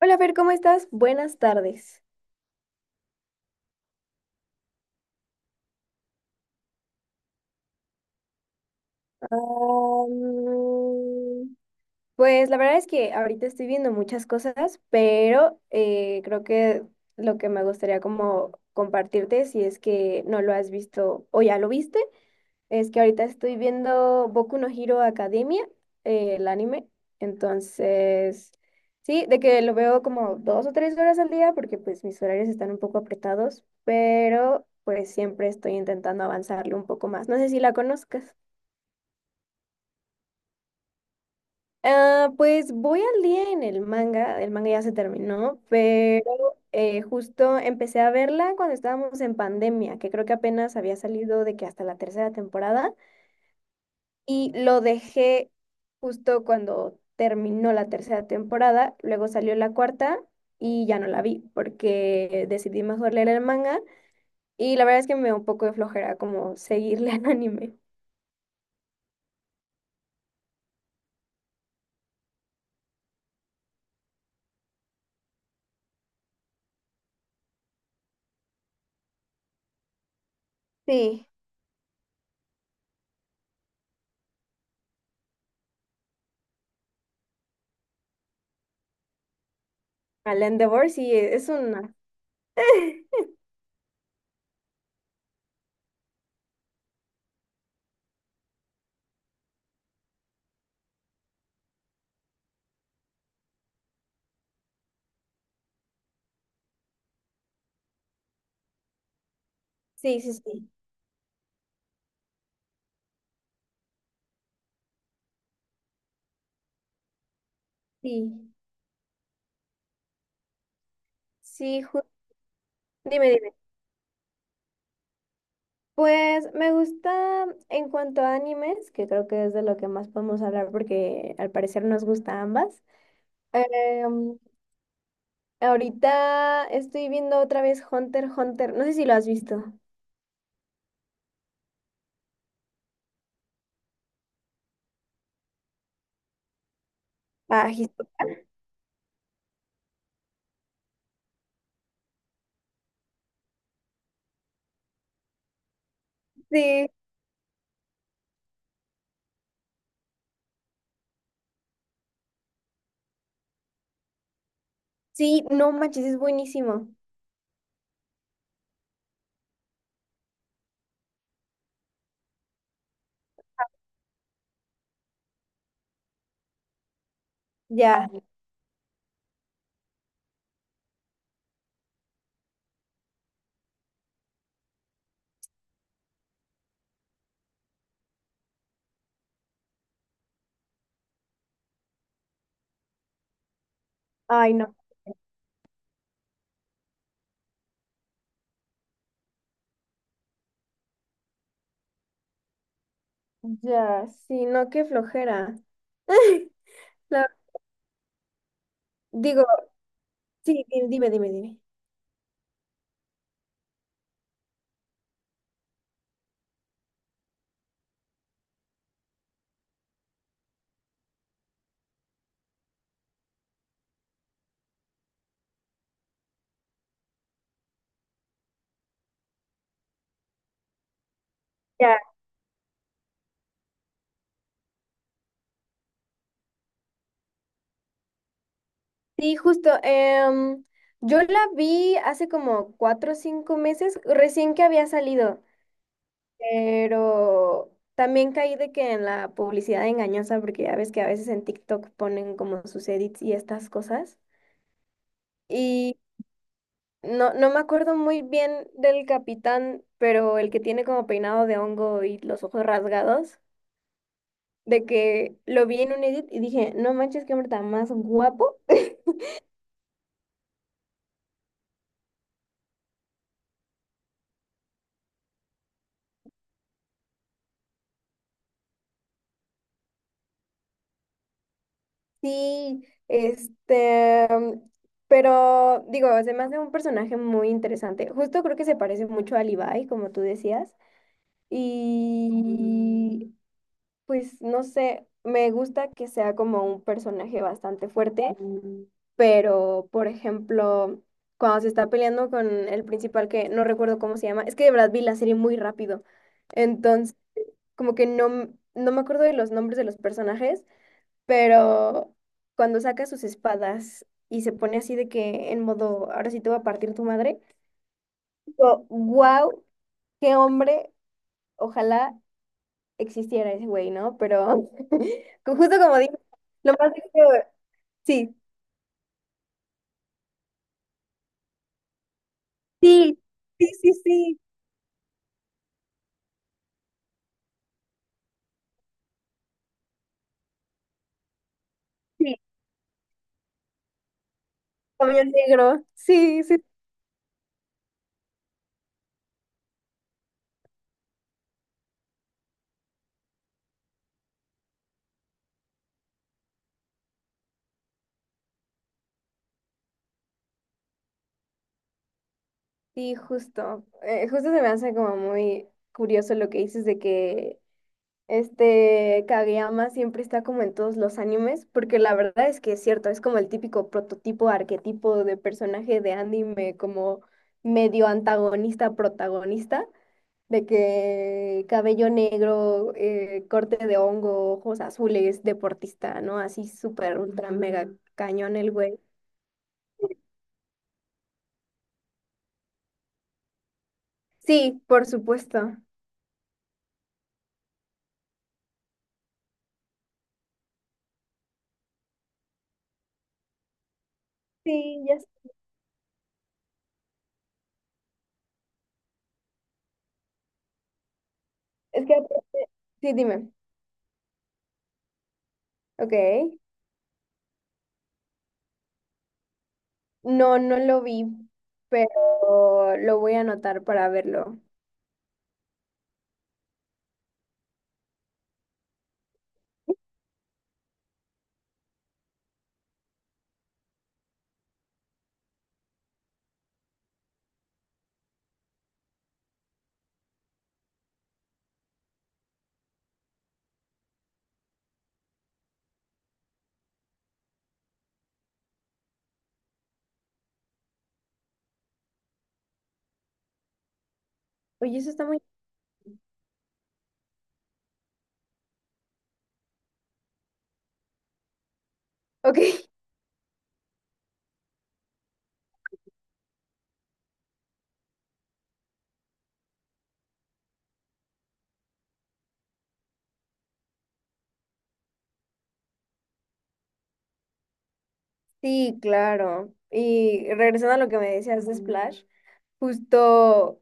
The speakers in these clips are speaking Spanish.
Hola, Fer, ¿cómo estás? Buenas tardes. Am, pues la verdad es que ahorita estoy viendo muchas cosas, pero creo que lo que me gustaría como compartirte, si es que no lo has visto o ya lo viste. Es que ahorita estoy viendo Boku no Hero Academia, el anime. Entonces, sí, de que lo veo como 2 o 3 horas al día porque pues mis horarios están un poco apretados, pero pues siempre estoy intentando avanzarlo un poco más. No sé si la conozcas. Ah, pues voy al día en el manga ya se terminó, pero justo empecé a verla cuando estábamos en pandemia, que creo que apenas había salido de que hasta la tercera temporada. Y lo dejé justo cuando terminó la tercera temporada, luego salió la cuarta y ya no la vi porque decidí mejor leer el manga y la verdad es que me dio un poco de flojera como seguirle al anime. Sí, al Endeavor sí es una... Sí, sí, sí, sí, sí, dime, dime. Pues me gusta en cuanto a animes, que creo que es de lo que más podemos hablar porque al parecer nos gusta a ambas. Ahorita estoy viendo otra vez Hunter x Hunter. No sé si lo has visto. Ah, his- sí, sí, no manches, es buenísimo. Ya, ay, no. Ya, sí, no, qué flojera. La- digo, sí, dime, dime, dime. Ya. Sí, justo. Yo la vi hace como 4 o 5 meses, recién que había salido, pero también caí de que en la publicidad engañosa, porque ya ves que a veces en TikTok ponen como sus edits y estas cosas. Y no, no me acuerdo muy bien del capitán, pero el que tiene como peinado de hongo y los ojos rasgados, de que lo vi en un edit y dije, no manches, qué hombre tan más guapo. Sí, este, pero digo, se me hace un personaje muy interesante. Justo creo que se parece mucho a Levi, como tú decías. Y pues no sé, me gusta que sea como un personaje bastante fuerte, pero por ejemplo, cuando se está peleando con el principal que no recuerdo cómo se llama, es que de verdad vi la serie muy rápido, entonces como que no, no me acuerdo de los nombres de los personajes, pero cuando saca sus espadas y se pone así de que en modo, ahora sí te voy a partir tu madre, digo, wow, qué hombre, ojalá existiera ese güey, ¿no? Pero justo como digo, lo más que... Sí, sí, sí, sí, sí, sí, como el negro, sí, sí, sí, justo. Justo se me hace como muy curioso lo que dices de que este Kageyama siempre está como en todos los animes, porque la verdad es que es cierto, es como el típico prototipo, arquetipo de personaje de anime, como medio antagonista, protagonista. De que cabello negro, corte de hongo, ojos azules, deportista, ¿no? Así súper, ultra, mega cañón el güey. Sí, por supuesto. Sí, ya sé. Es que aparte- Sí, dime. Ok. No, no lo vi, pero lo voy a anotar para verlo. Oye, eso está muy... Ok, sí, claro. Y regresando a lo que me decías de Splash, justo...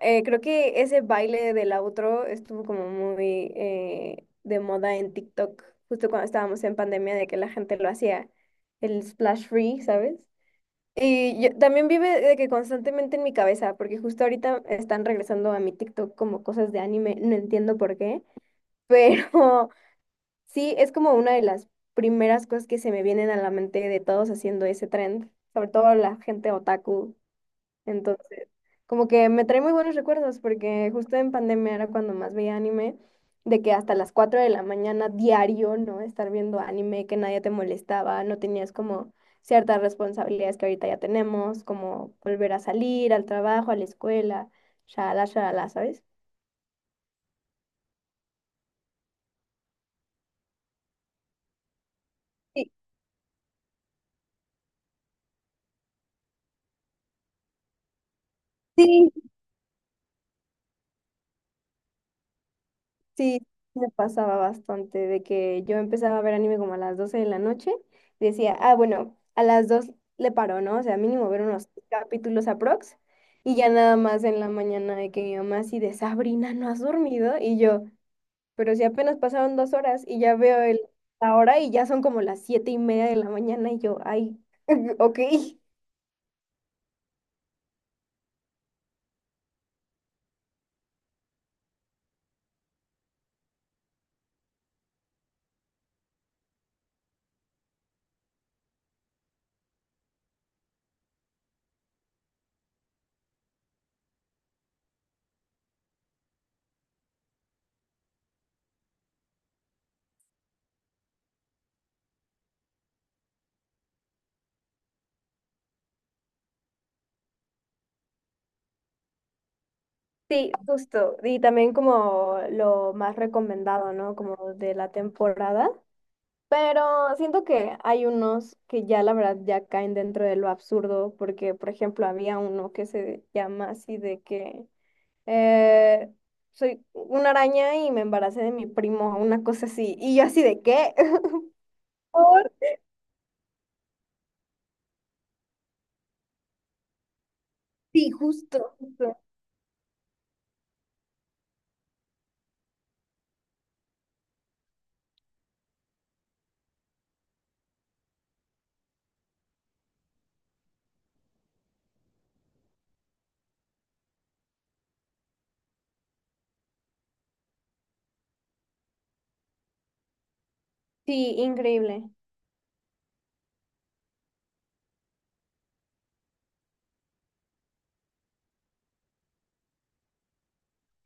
Creo que ese baile del outro estuvo como muy de moda en TikTok, justo cuando estábamos en pandemia, de que la gente lo hacía, el splash free, ¿sabes? Y yo, también vive de que constantemente en mi cabeza, porque justo ahorita están regresando a mi TikTok como cosas de anime, no entiendo por qué, pero sí, es como una de las primeras cosas que se me vienen a la mente de todos haciendo ese trend, sobre todo la gente otaku. Entonces, como que me trae muy buenos recuerdos porque justo en pandemia era cuando más veía anime, de que hasta las 4 de la mañana diario, ¿no? Estar viendo anime, que nadie te molestaba, no tenías como ciertas responsabilidades que ahorita ya tenemos, como volver a salir al trabajo, a la escuela, shalala, shalala, ¿sabes? Sí. Sí. Sí, me pasaba bastante de que yo empezaba a ver anime como a las 12 de la noche y decía, ah, bueno, a las 2 le paro, ¿no? O sea, mínimo ver unos capítulos aprox y ya nada más en la mañana de que mi mamá así de Sabrina, ¿no has dormido? Y yo, pero si apenas pasaron 2 horas y ya veo el, la hora y ya son como las 7 y media de la mañana y yo, ay, ok. Sí, justo. Y también como lo más recomendado, ¿no? Como de la temporada. Pero siento que hay unos que ya la verdad ya caen dentro de lo absurdo, porque por ejemplo había uno que se llama así de que eh, soy una araña y me embaracé de mi primo, una cosa así, y yo así de qué. Por- Sí, justo, justo. Sí, increíble.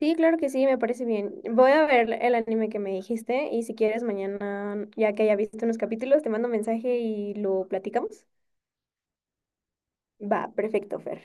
Sí, claro que sí, me parece bien. Voy a ver el anime que me dijiste y si quieres mañana, ya que haya visto unos capítulos, te mando un mensaje y lo platicamos. Va, perfecto, Fer.